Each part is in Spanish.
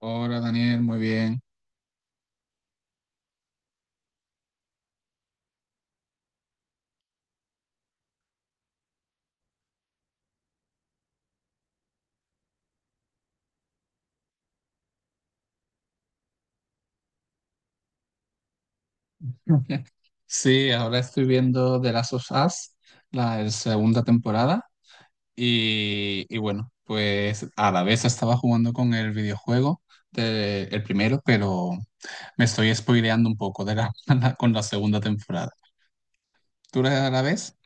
Hola Daniel, muy bien. Sí, ahora estoy viendo The Last of Us, la segunda temporada, y bueno, pues a la vez estaba jugando con el videojuego del el primero, pero me estoy spoileando un poco de la, con la segunda temporada. ¿Tú la ves?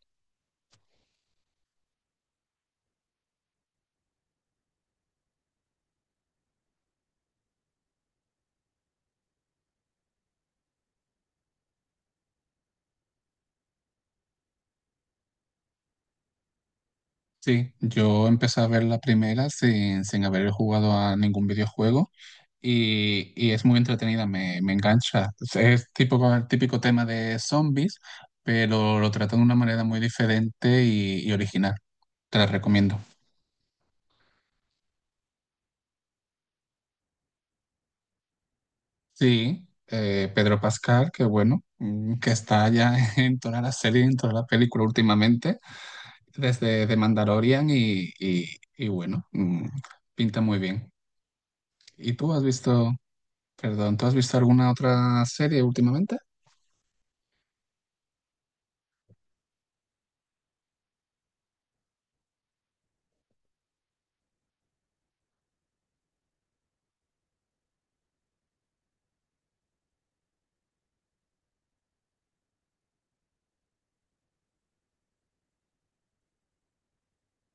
Sí, yo empecé a ver la primera sin haber jugado a ningún videojuego. Y es muy entretenida, me engancha. Es tipo con el típico tema de zombies, pero lo trata de una manera muy diferente y original. Te la recomiendo. Sí, Pedro Pascal, que bueno, que está ya en toda la serie, en toda la película últimamente, desde The Mandalorian y bueno, pinta muy bien. ¿Y tú has visto, perdón, tú has visto alguna otra serie últimamente?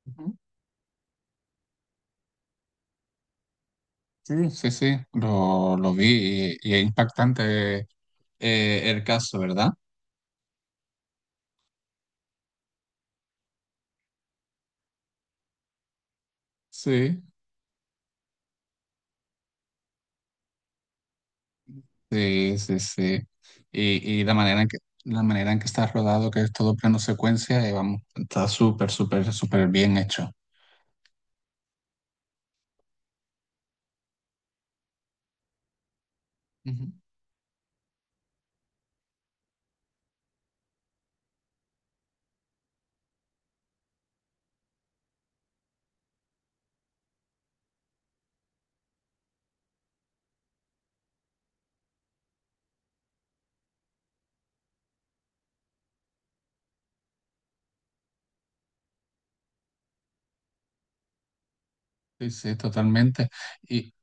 Ujú. Sí, sí, sí, lo vi y es impactante el caso, ¿verdad? Sí, sí, sí, sí. Y, y la manera en que, la manera en que está rodado, que es todo plano secuencia, vamos, está súper, súper, súper bien hecho. Ujú. Sí, sí, totalmente. Y,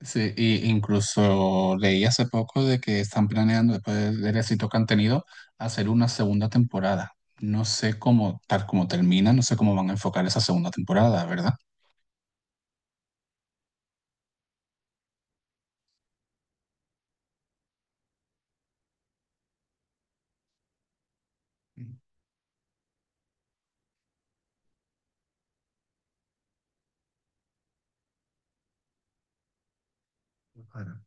sí, y incluso leí hace poco de que están planeando, después del éxito que han tenido, hacer una segunda temporada. No sé cómo, tal como termina, no sé cómo van a enfocar esa segunda temporada, ¿verdad? Claro.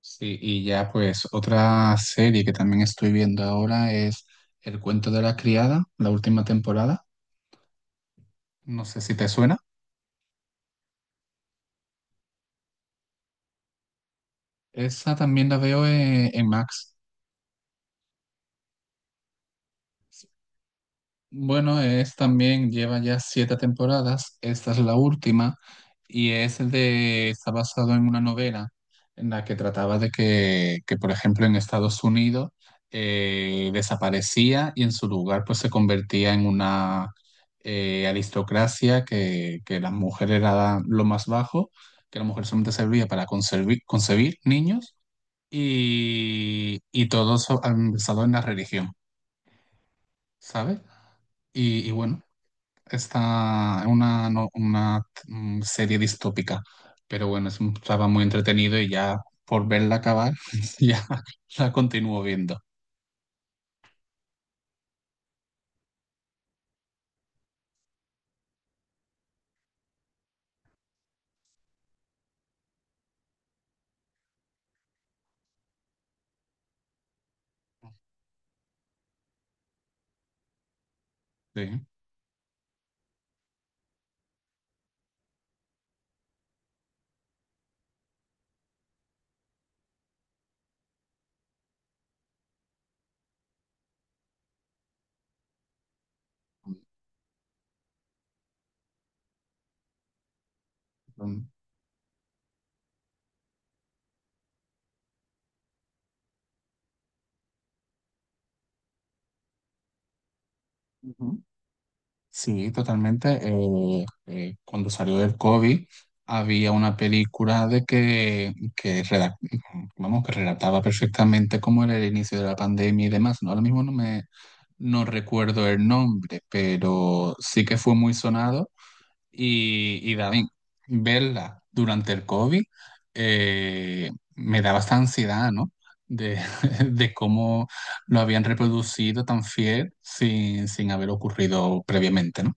Sí, y ya pues otra serie que también estoy viendo ahora es El cuento de la criada, la última temporada. No sé si te suena. Esa también la veo en Max. Bueno, es también, lleva ya 7 temporadas, esta es la última, y es de, está basado en una novela en la que trataba de que, por ejemplo, en Estados Unidos desaparecía y en su lugar pues se convertía en una aristocracia que la mujer era lo más bajo, que la mujer solamente servía para concebir niños y todo eso basado en la religión, ¿sabes? Y bueno. Está una, una serie distópica, pero bueno, estaba muy entretenido y ya por verla acabar, ya la continúo viendo. Sí, mm, ujú. Sí, totalmente. Cuando salió el COVID, había una película de que vamos, que relataba perfectamente cómo era el inicio de la pandemia y demás. ¿No? Ahora mismo no recuerdo el nombre, pero sí que fue muy sonado. Y David, verla durante el COVID eh, me daba esta ansiedad, ¿no? De, de cómo lo habían reproducido tan fiel sin haber ocurrido previamente, ¿no?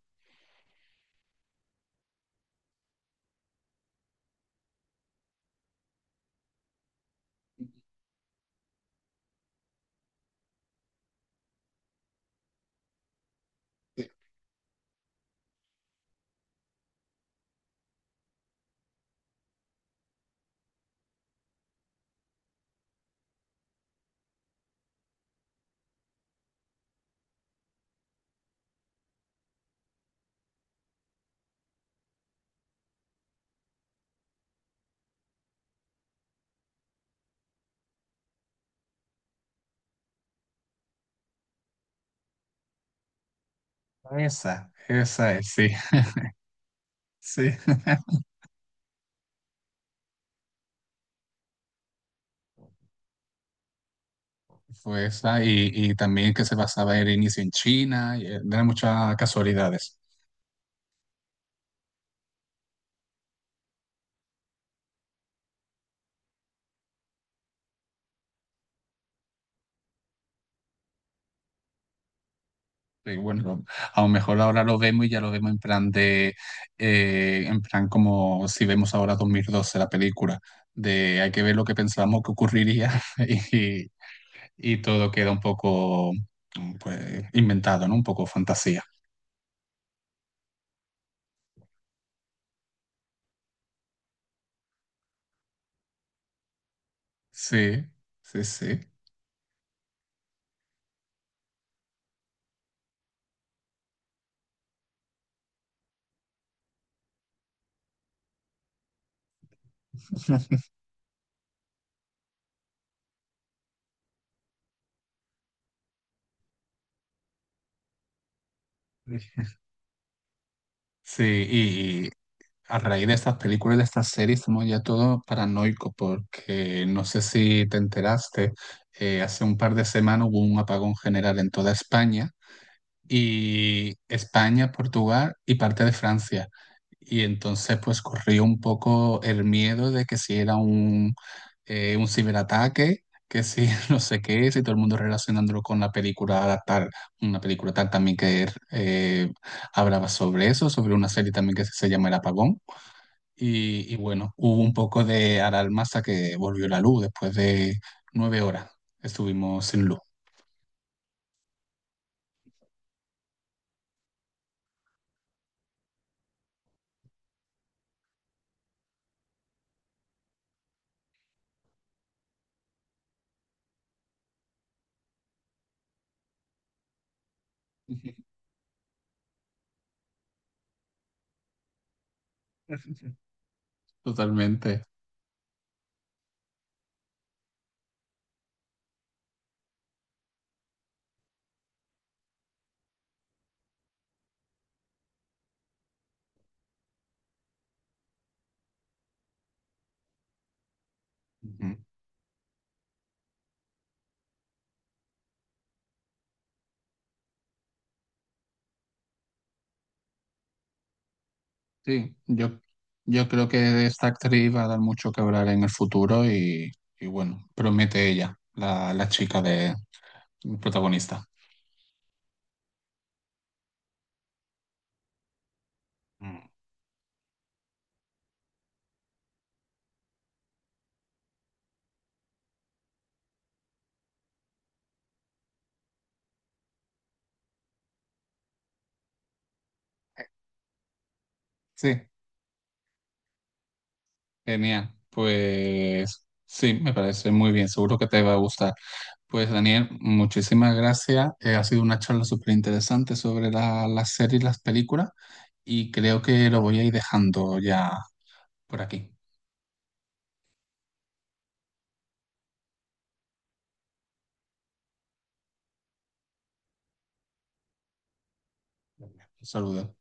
Esa es, sí, sí. Fue esa, y también que se basaba el inicio en China, y eran muchas casualidades. Sí, bueno, a lo mejor ahora lo vemos y ya lo vemos en plan de, en plan como si vemos ahora 2012 la película, de hay que ver lo que pensábamos que ocurriría y, y todo queda un poco pues, inventado, ¿no? Un poco fantasía. Sí, sí, sí. Sí, y a raíz de estas películas y de estas series somos ya todos paranoicos porque no sé si te enteraste, hace un par de semanas hubo un apagón general en toda España y España, Portugal y parte de Francia. Y entonces pues corrió un poco el miedo de que si era un ciberataque, que si no sé qué, si todo el mundo relacionándolo con la película tal, una película tal también que hablaba sobre eso, sobre una serie también que se llama El Apagón. Y bueno, hubo un poco de alarma hasta que volvió la luz después de 9 horas. Estuvimos sin luz. Ujú. Totalmente. Ujú. Sí, yo creo que de esta actriz va a dar mucho que hablar en el futuro y bueno, promete ella, la chica de protagonista. Mm. Sí, genial. Pues sí, me parece muy bien. Seguro que te va a gustar. Pues Daniel, muchísimas gracias. Ha sido una charla súper interesante sobre las series y las películas y creo que lo voy a ir dejando ya por aquí. Un saludo.